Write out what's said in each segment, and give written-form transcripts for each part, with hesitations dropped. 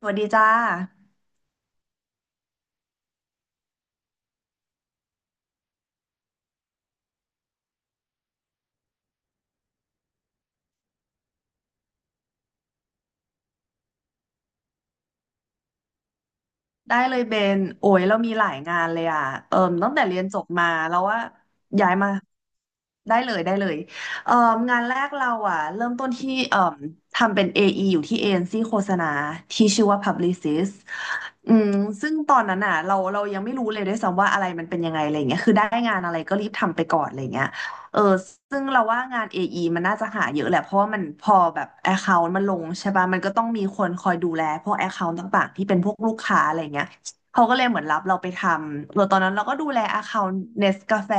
สวัสดีจ้าได้เลยเบนโอ้ยเรามีหลายงานเลยอ่ะเอิ่มตั้งแต่เรียนจบมาเราว่าย้ายมาได้เลยได้เลยเอิ่มงานแรกเราอ่ะเริ่มต้นที่เอิ่มทำเป็น AE ออีอยู่ที่เอ็นซีโฆษณาที่ชื่อว่า Publicist อืมซึ่งตอนนั้นอ่ะเรายังไม่รู้เลยด้วยซ้ำว่าอะไรมันเป็นยังไงอะไรอย่างเงี้ยคือได้งานอะไรก็รีบทำไปก่อนอะไรอย่างเงี้ย เออซึ่งเราว่างาน AE มันน่าจะหาเยอะแหละเพราะว่ามันพอแบบ Account มันลงใช่ป่ะมันก็ต้องมีคนคอยดูแลพวก Account ต่างๆที่เป็นพวกลูกค้าอะไรเงี้ยเขาก็เลยเหมือนรับเราไปทำเออตอนนั้นเราก็ดูแล Account Nest กาแฟ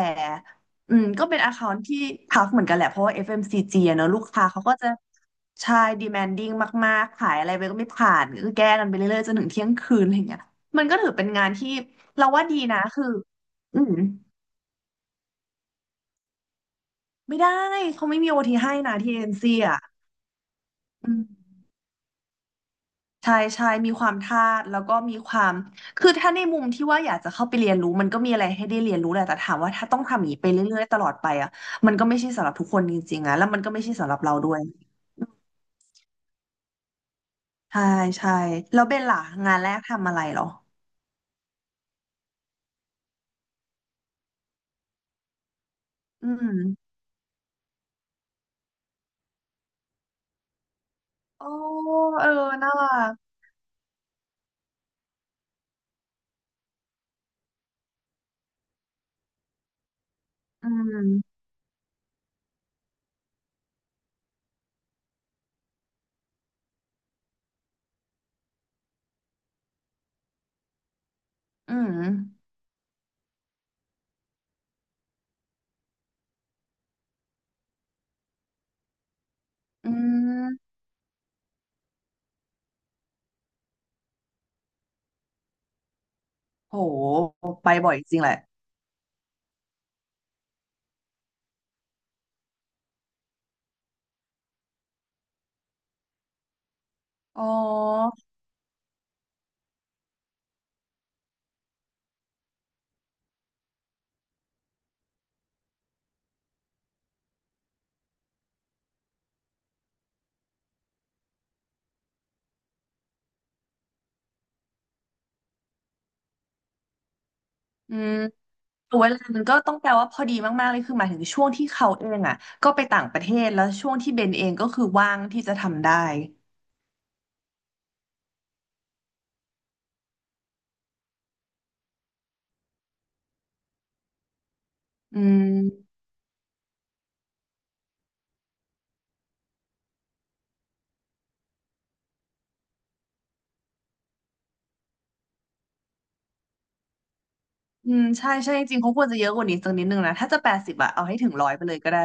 อืมก็เป็น Account ที่ทัฟเหมือนกันแหละเพราะว่า FMCG อฟเอ็มซีจีอะเนอะลูกค้าเขาก็จะใช่ demanding มากๆขายอะไรไปก็ไม่ผ่านก็แก้กันไปเรื่อยๆจนถึงเที่ยงคืนอะไรเงี้ยมันก็ถือเป็นงานที่เราว่าดีนะคืออืม ไม่ได้เขาไม่มีโอทีให้นะที่เอ็นซีอ่ะอืมใช่ใช่มีความทาสแล้วก็มีความคือถ้าในมุมที่ว่าอยากจะเข้าไปเรียนรู้มันก็มีอะไรให้ได้เรียนรู้แหละแต่ถามว่าถ้าต้องทำอย่างนี้ไปเรื่อยๆตลอดไปอ่ะมันก็ไม่ใช่สำหรับทุกคนจริงๆอ่ะแล้วมันก็ไม่ใช่สำหรับเราด้วยใช่ใช่แล้วเบนล่ะงานแรกทำอะไรเหรออืมโอ้เออน่ารักอืมอืมอืมโหไปบ่อยจริงแหละอ๋ออืม เวลามันก็ต้องแปลว่าพอดีมากๆเลยคือหมายถึงช่วงที่เขาเองอ่ะก็ไปต่างประเทศแล้วช่วงที่เบนเองก็คือว่างที่จะทำได้อืมอืมใช่ใช่จริงๆเขาควรจะเยอะกว่านี้สักนิดนึงนะถ้าจะแปดสิบอะเอาให้ถึงร้อยไปเลยก็ได้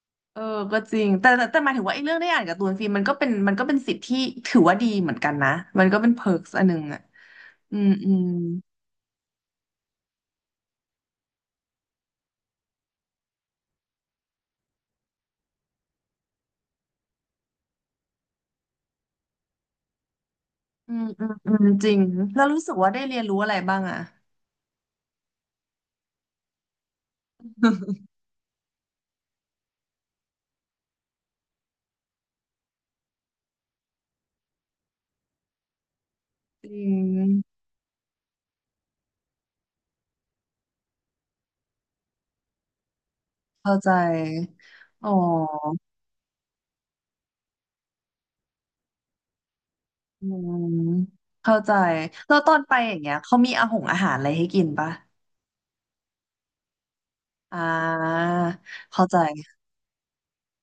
เออก็จริงแต่หมายถึงว่าไอ้เรื่องได้อ่านการ์ตูนฟิมันก็เป็นสิทธิ์ที่ถือว่าดีเหมือนกันนะมันก็เป็นเพิร์กอันหนึ่งอ่ะอืมอืมอืมอืมอืมจริงแล้วรู้สึกว่าได้เรียนรู้อะไรบ้างอ่ะจริงเข้าใจอ๋อ อืมเข้าใจแล้วตอนไปอย่างเงี้ยเขามีอาหารอะไรให้กินปะอ่าเข้าใจ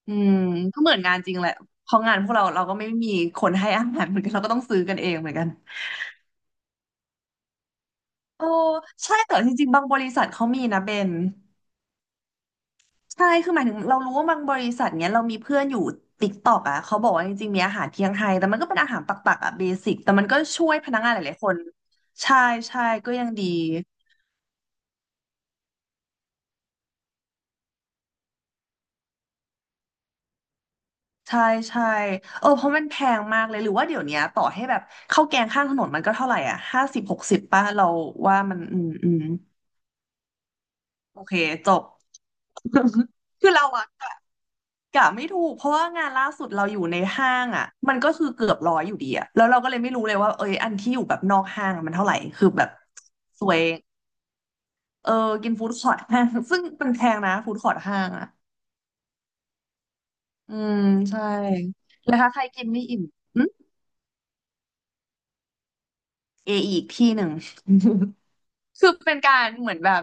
อืมก็เหมือนงานจริงแหละเพราะงานพวกเราเราก็ไม่มีคนให้อาหารเหมือนกันเราก็ต้องซื้อกันเองเหมือนกัน โอ้ใช่แต่จริงๆบางบริษัทเขามีนะเบนใช่คือหมายถึงเรารู้ว่าบางบริษัทเนี้ยเรามีเพื่อนอยู่ติ๊กตอกอ่ะเขาบอกว่าจริงๆมีอาหารเที่ยงไทยแต่มันก็เป็นอาหารปักๆอ่ะเบสิกแต่มันก็ช่วยพนักงานหลายๆคนใช่ใช่ก็ยังดี ใช่ใช่เออเพราะมันแพงมากเลยหรือว่าเดี๋ยวเนี้ยต่อให้แบบข้าวแกงข้างถนนมันก็เท่าไหร่อ่ะห้าสิบหกสิบป่ะเราว่ามันอืมอืมโอเคจบ คือเราอะกะไม่ถูกเพราะว่างานล่าสุดเราอยู่ในห้างอะมันก็คือเกือบร้อยอยู่ดีอะแล้วเราก็เลยไม่รู้เลยว่าเอยอันที่อยู่แบบนอกห้างอะมันเท่าไหร่คือแบบสวยเออกินฟู้ดคอร์ทห้าง ซึ่งเป็นแพงนะฟู้ดคอร์ทห้างอะอืมใช่แล้วถ้าใครกินไม่อิ่มอืมเออีกที่หนึ่ง คือเป็นการเหมือนแบบ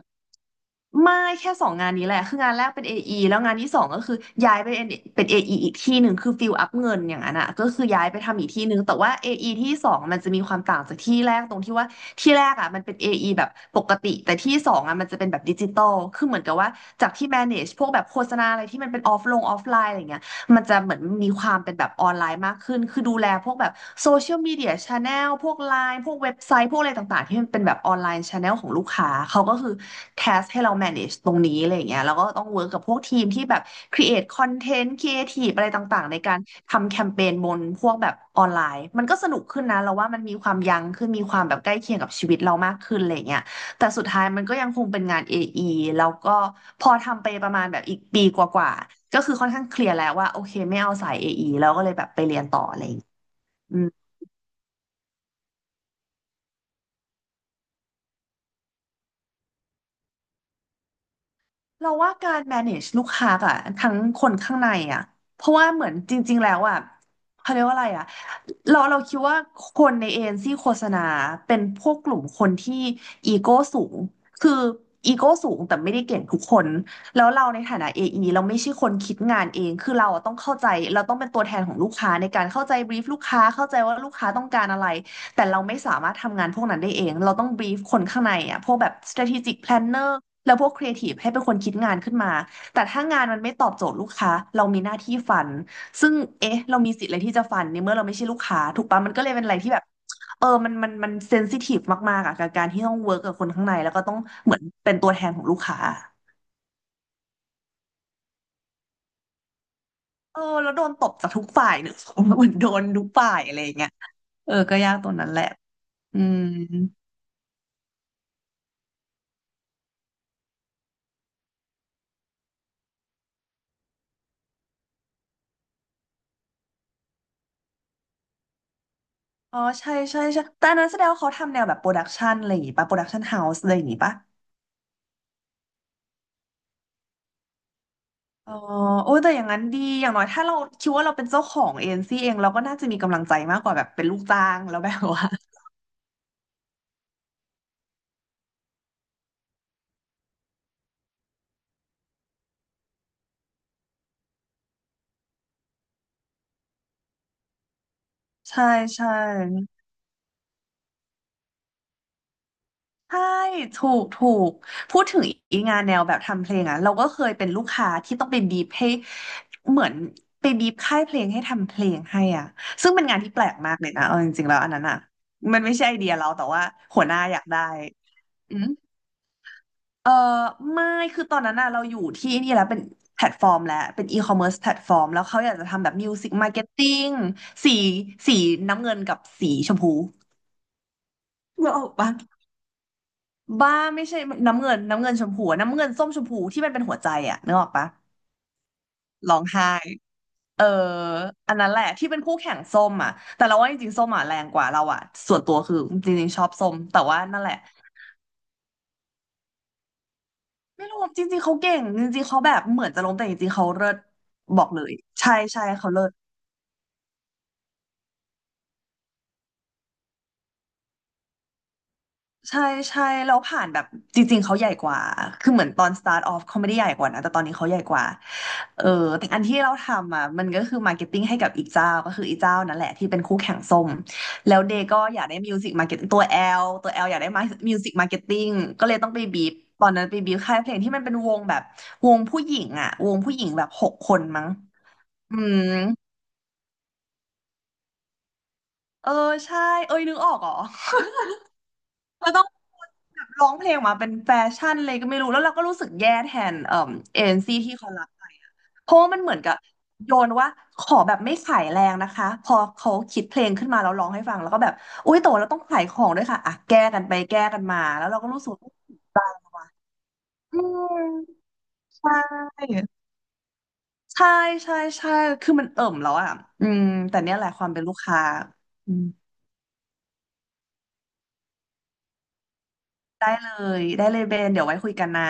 ไม่แค่สองงานนี้แหละคืองานแรกเป็น AE แล้วงานที่สองก็คือย้ายไปเป็น AE ออีอีกที่หนึ่งคือฟิลอัพเงินอย่างนั้นอ่ะก็คือย้ายไปทำอีกที่หนึ่งแต่ว่า AE ที่สองมันจะมีความต่างจากที่แรกตรงที่ว่าที่แรกอ่ะมันเป็น AE แบบปกติแต่ที่สองอ่ะมันจะเป็นแบบดิจิตอลคือเหมือนกับว่าจากที่ manage พวกแบบโฆษณาอะไรที่มันเป็นออฟไลน์อะไรอย่างเงี้ย มันจะเหมือนมีความเป็นแบบออนไลน์มากขึ้น คือดูแลพวกแบบโซเชียลมีเดียชาแนลพวกไลน์พวกเว็บไซต์พวกอะไรต่างๆที่มันเป็นแบบออนไลน์ชาแนลของลูกค้าเขาก็คือแ s สให้เรา manage ตรงนี้อะไรอย่างเงี้ยแล้วก็ต้องเวิร์กกับพวกทีมที่แบบ create content creative อะไรต่างๆในการทำแคมเปญบนพวกแบบออนไลน์มันก็สนุกขึ้นนะเราว่ามันมีความยั้งขึ้นมีความแบบใกล้เคียงกับชีวิตเรามากขึ้นอะไรอย่างเงี้ย แต่สุดท้ายมันก็ยังคงเป็นงาน AE แล้วก็พอทำไปประมาณแบบอีกปีกว่าๆก็คือค่อนข้างเคลียร์แล้วว่าโอเคไม่เอาสาย AE แล้วก็เลยแบบไปเรียนต่ออะไรอย่างเงี้ยอืม เราว่าการ manage ลูกค้าอะทั้งคนข้างในอะเพราะว่าเหมือนจริงๆ แล้วอะเขาเรียกว่าอะไรอะเราคิดว่าคนในเอเจนซี่โฆษณาเป็นพวกกลุ่มคนที่อีโก้สูง คืออีโก้สูงแต่ไม่ได้เก่งทุกคนแล้วเราในฐานะ AE เราไม่ใช่คนคิดงานเอง คือเราอะต้องเข้าใจเราต้องเป็นตัวแทนของลูกค้าในการเข้าใจ brief ลูกค้าเข้าใจว่าลูกค้าต้องการอะไรแต่เราไม่สามารถทำงานพวกนั้นได้เองเราต้อง brief คนข้างในอะพวกแบบ strategic planner แล้วพวกครีเอทีฟให้เป็นคนคิดงานขึ้นมา แต่ถ้างานมันไม่ตอบโจทย์ลูกค้า เรามีหน้าที่ฟัน ซึ่งเอ๊ะเรามีสิทธิ์อะไรที่จะฟันในเมื่อเราไม่ใช่ลูกค้าถูกปะมันก็เลยเป็นอะไรที่แบบเออ มันเซนซิทีฟมากๆอะกับการที่ต้องเวิร์กกับคนข้างในแล้วก็ต้องเหมือนเป็นตัวแทนของลูกค้า เออ แล้วโดนตบจากทุกฝ่ายเนอะ เหมือนโดนทุกฝ่ายอะไรอย่างเงี้ยเออก็ยากตรงนั้นแหละอืมอ๋อใช่ใช่ใช่แต่อันนั้นแสดงว่าเขาทำแนวแบบโปรดักชันอะไรอย่างงี้ป่ะโปรดักชันเฮาส์อะไรอย่างงี้ป่ะ อ๋อโอ้ยแต่อย่างนั้นดีอย่างน้อยถ้าเราคิดว่าเราเป็นเจ้าของเอเจนซี่เองเราก็น่าจะมีกำลังใจมากกว่าแบบเป็นลูกจ้างแล้วแบบว่า ใช่ใช่ใช่ถูกถูกพูดถึงอีกงานแนวแบบทำเพลงอ่ะเราก็เคยเป็นลูกค้าที่ต้องไปบีบให้เหมือนไปบีบค่ายเพลงให้ทำเพลงให้อ่ะซึ่งเป็นงานที่แปลกมากเลยนะเอาจริงๆแล้วอันนั้นอ่ะมันไม่ใช่ไอเดียเราแต่ว่าหัวหน้าอยากได้ เออไม่คือตอนนั้นน่ะเราอยู่ที่นี่แล้วเป็นแพลตฟอร์มแล้วเป็นอีคอมเมิร์ซแพลตฟอร์มแล้วเขาอยากจะทำแบบมิวสิกมาร์เก็ตติ้งสีสีน้ำเงินกับสีชมพูนึกออกปะบ้าไม่ใช่น้ำเงินชมพูอะน้ำเงินส้มชมพูที่มันเป็นหัวใจอะนึกออกปะร้องไห้เอออันนั้นแหละที่เป็นคู่แข่งส้มอ่ะแต่เราว่าจริงๆส้มอ่ะแรงกว่าเราอ่ะส่วนตัวคือจริงๆชอบส้มแต่ว่านั่นแหละไม่รู้จริงๆเขาเก่งจริงๆเขาแบบเหมือนจะล้มแต่จริงๆเขาเลิศบอกเลยใช่ใช่เขาเลิศ ใช่ใช่แล้วผ่านแบบจริงๆเขาใหญ่กว่าคือเหมือนตอน start off เขาไม่ได้ใหญ่กว่านะแต่ตอนนี้เขาใหญ่กว่าเออแต่อันที่เราทำอ่ะมันก็คือ marketing ให้กับอีกเจ้าก็คืออีกเจ้านั่นแหละที่เป็นคู่แข่งส้มแล้วเดย์ก็อยากได้ music marketing ตัว L ตัว L อยากได้ music marketing ก็เลยต้องไปบีบตอนนั้นไปบีบค่ายเพลงที่มันเป็นวงแบบวงผู้หญิงอ่ะวงผู้หญิงแบบ6 คนมั้งอืมเออใช่เอ้ยนึกออกเหรอ เราต้องแบบร้องเพลงออกมาเป็นแฟชั่นเลยก็ไม่รู้แล้วเราก็รู้สึกแย่แทนเอเจนซี่ที่เขารับไปอะเพราะว่ามันเหมือนกับโยนว่าขอแบบไม่ขายแรงนะคะพอเขาคิดเพลงขึ้นมาแล้วร้องให้ฟังแล้วก็แบบอุ้ยแต่ว่าเราต้องขายของด้วยค่ะอ่ะแก้กันไปแก้กันมาแล้วเราก็รู้สึกว่าอืมใช่ใช่ใช่ใช่คือมันเอิ่มแล้วอ่ะอืมแต่เนี่ยแหละความเป็นลูกค้าอืมได้เลยได้เลยเบนเดี๋ยวไว้คุยกันนะ